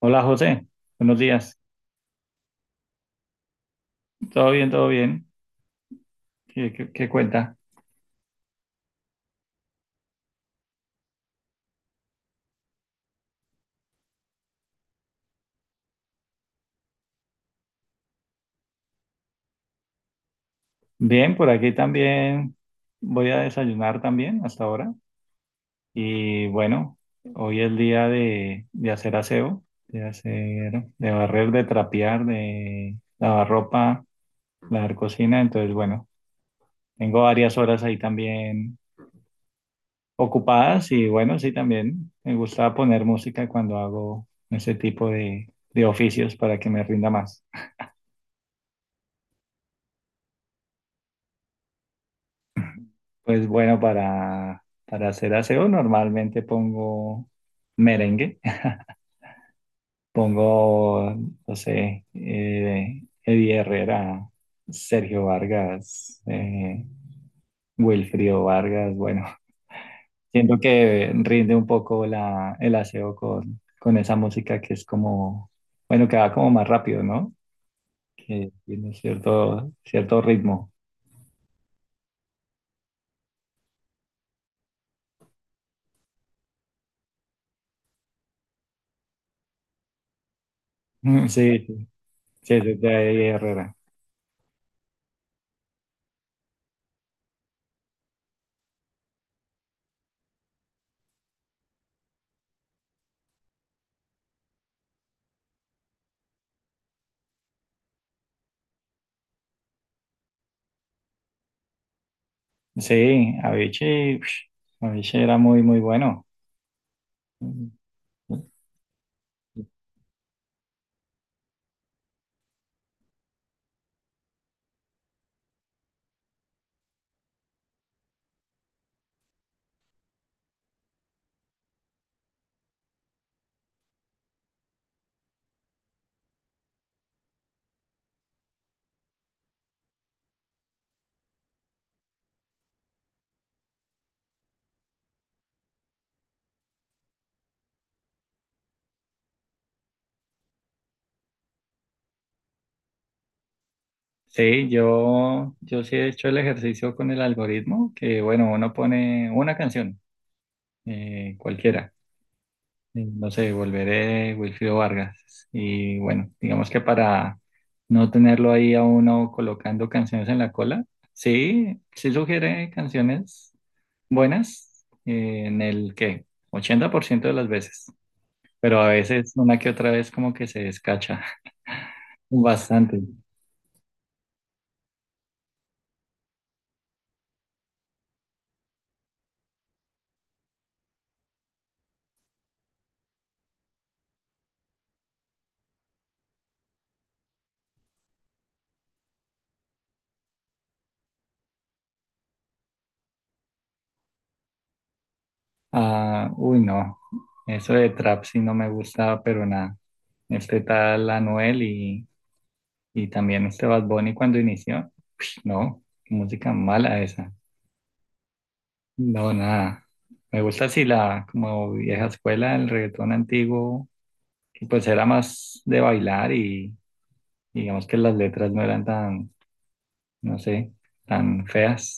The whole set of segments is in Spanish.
Hola José, buenos días. ¿Todo bien? ¿Todo bien? ¿Qué cuenta? Bien, por aquí también voy a desayunar también hasta ahora. Y bueno, hoy es día de hacer aseo, de hacer, de barrer, de trapear, de lavar ropa, lavar cocina. Entonces, bueno, tengo varias horas ahí también ocupadas y bueno, sí, también me gusta poner música cuando hago ese tipo de oficios para que me rinda más. Pues bueno, para hacer aseo normalmente pongo merengue, pongo, no sé, Eddie Herrera, Sergio Vargas, Wilfrido Vargas, bueno, siento que rinde un poco la, el aseo con esa música que es como, bueno, que va como más rápido, ¿no? Que tiene cierto, cierto ritmo. Sí, sí, sí, es de Eddie Herrera. Sí, Avicii, ush, Avicii era muy, muy bueno. Sí, yo sí he hecho el ejercicio con el algoritmo, que bueno, uno pone una canción, cualquiera, no sé, Volveré, Wilfrido Vargas, y bueno, digamos que para no tenerlo ahí a uno colocando canciones en la cola, sí, sí sugiere canciones buenas, en el que 80% de las veces. Pero a veces una que otra vez como que se descacha bastante. Ah, uy, no, eso de trap sí no me gusta, pero nada. Este tal Anuel y también este Bad Bunny cuando inició, no, música mala esa. No, nada. Me gusta así la como vieja escuela, el reggaetón antiguo, que pues era más de bailar y digamos que las letras no eran tan, no sé, tan feas.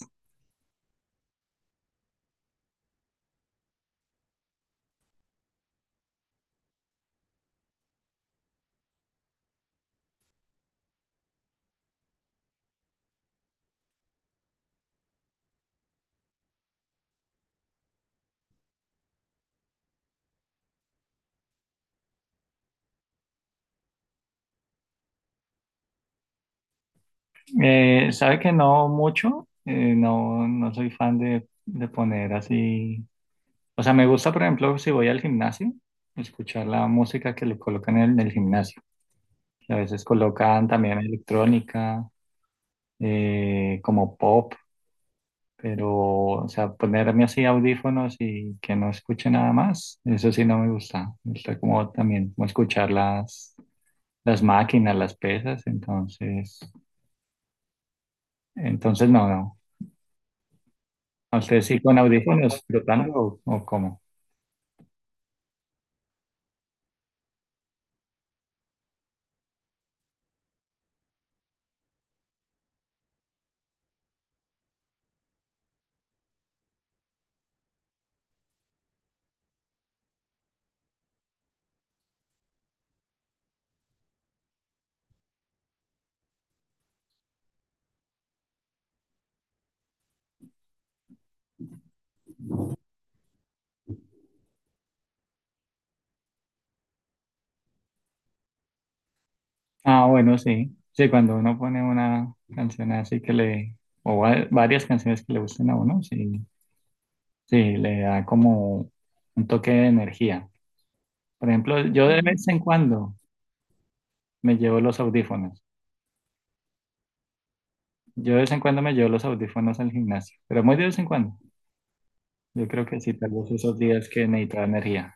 Sabe que no mucho, no, no soy fan de poner así, o sea, me gusta, por ejemplo, si voy al gimnasio, escuchar la música que le colocan en el gimnasio, que a veces colocan también electrónica, como pop, pero, o sea, ponerme así audífonos y que no escuche nada más, eso sí no me gusta, me gusta como también como escuchar las máquinas, las pesas, entonces, entonces no, no. ¿A usted sí con audífonos flotando o cómo? Ah, bueno, sí. Sí, cuando uno pone una canción así que le, o va- varias canciones que le gusten a uno, sí, sí, le da como un toque de energía. Por ejemplo, yo de vez en cuando me llevo los audífonos. Yo de vez en cuando me llevo los audífonos al gimnasio, pero muy de vez en cuando. Yo creo que sí, tal vez esos días que necesito energía.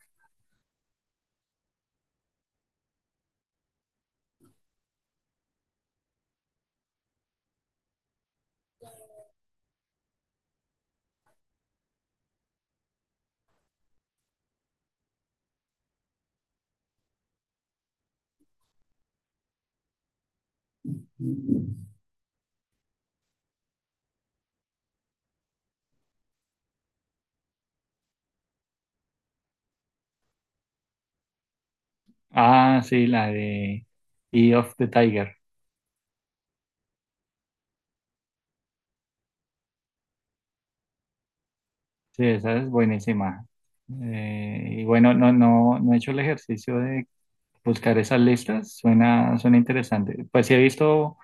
Ah, sí, la de E of the Tiger. Sí, esa es buenísima. Y bueno, no, no, no he hecho el ejercicio de buscar esas listas, suena, suena interesante. Pues sí he visto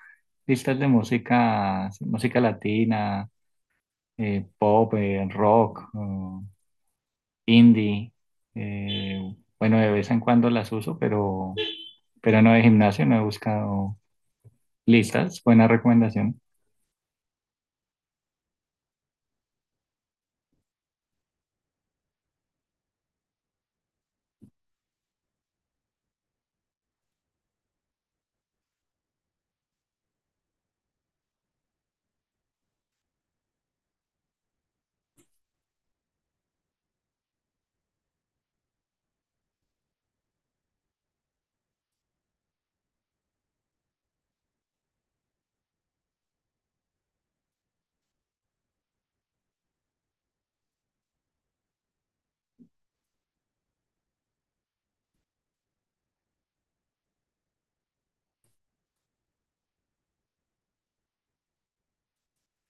listas de música, música latina, pop, rock, indie. Bueno, de vez en cuando las uso, pero no de gimnasio, no he buscado listas. Buena recomendación.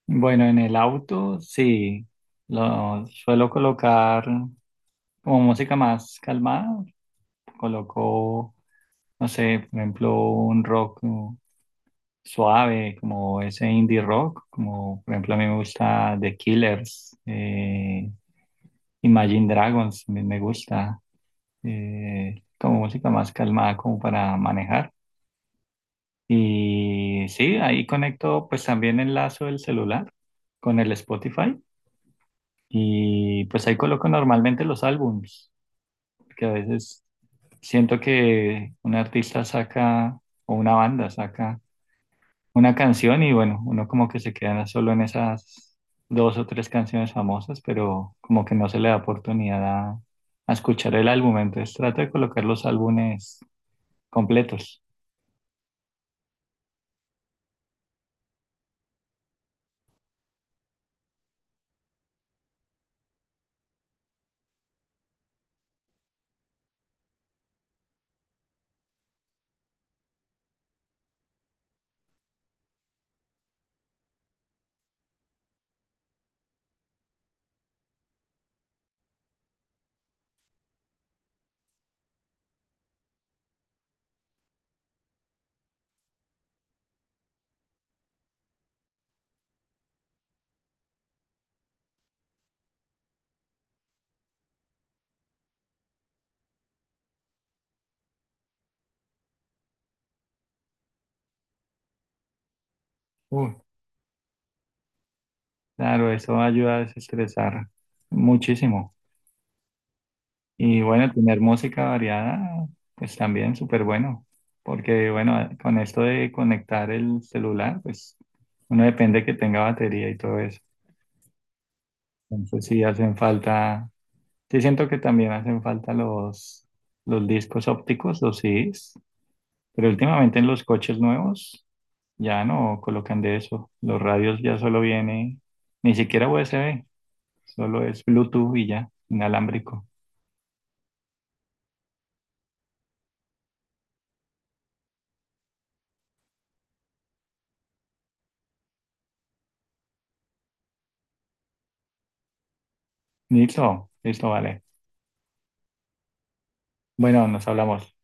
Bueno, en el auto sí, lo suelo colocar como música más calmada, colocó, no sé, por ejemplo, un rock como suave, como ese indie rock, como por ejemplo a mí me gusta The Killers, Imagine Dragons, también me gusta, como música más calmada, como para manejar. Y sí, ahí conecto pues también el lazo del celular con el Spotify y pues ahí coloco normalmente los álbums, que a veces siento que un artista saca o una banda saca una canción y bueno, uno como que se queda solo en esas dos o tres canciones famosas, pero como que no se le da oportunidad a escuchar el álbum, entonces trato de colocar los álbumes completos. Uy, claro, eso ayuda a desestresar muchísimo. Y bueno, tener música variada, pues también súper bueno, porque bueno, con esto de conectar el celular, pues uno depende que tenga batería y todo eso. Entonces sí hacen falta sí, siento que también hacen falta los discos ópticos, los CDs, pero últimamente en los coches nuevos ya no colocan de eso. Los radios ya solo viene, ni siquiera USB, solo es Bluetooth y ya, inalámbrico. Listo, listo, vale. Bueno, nos hablamos.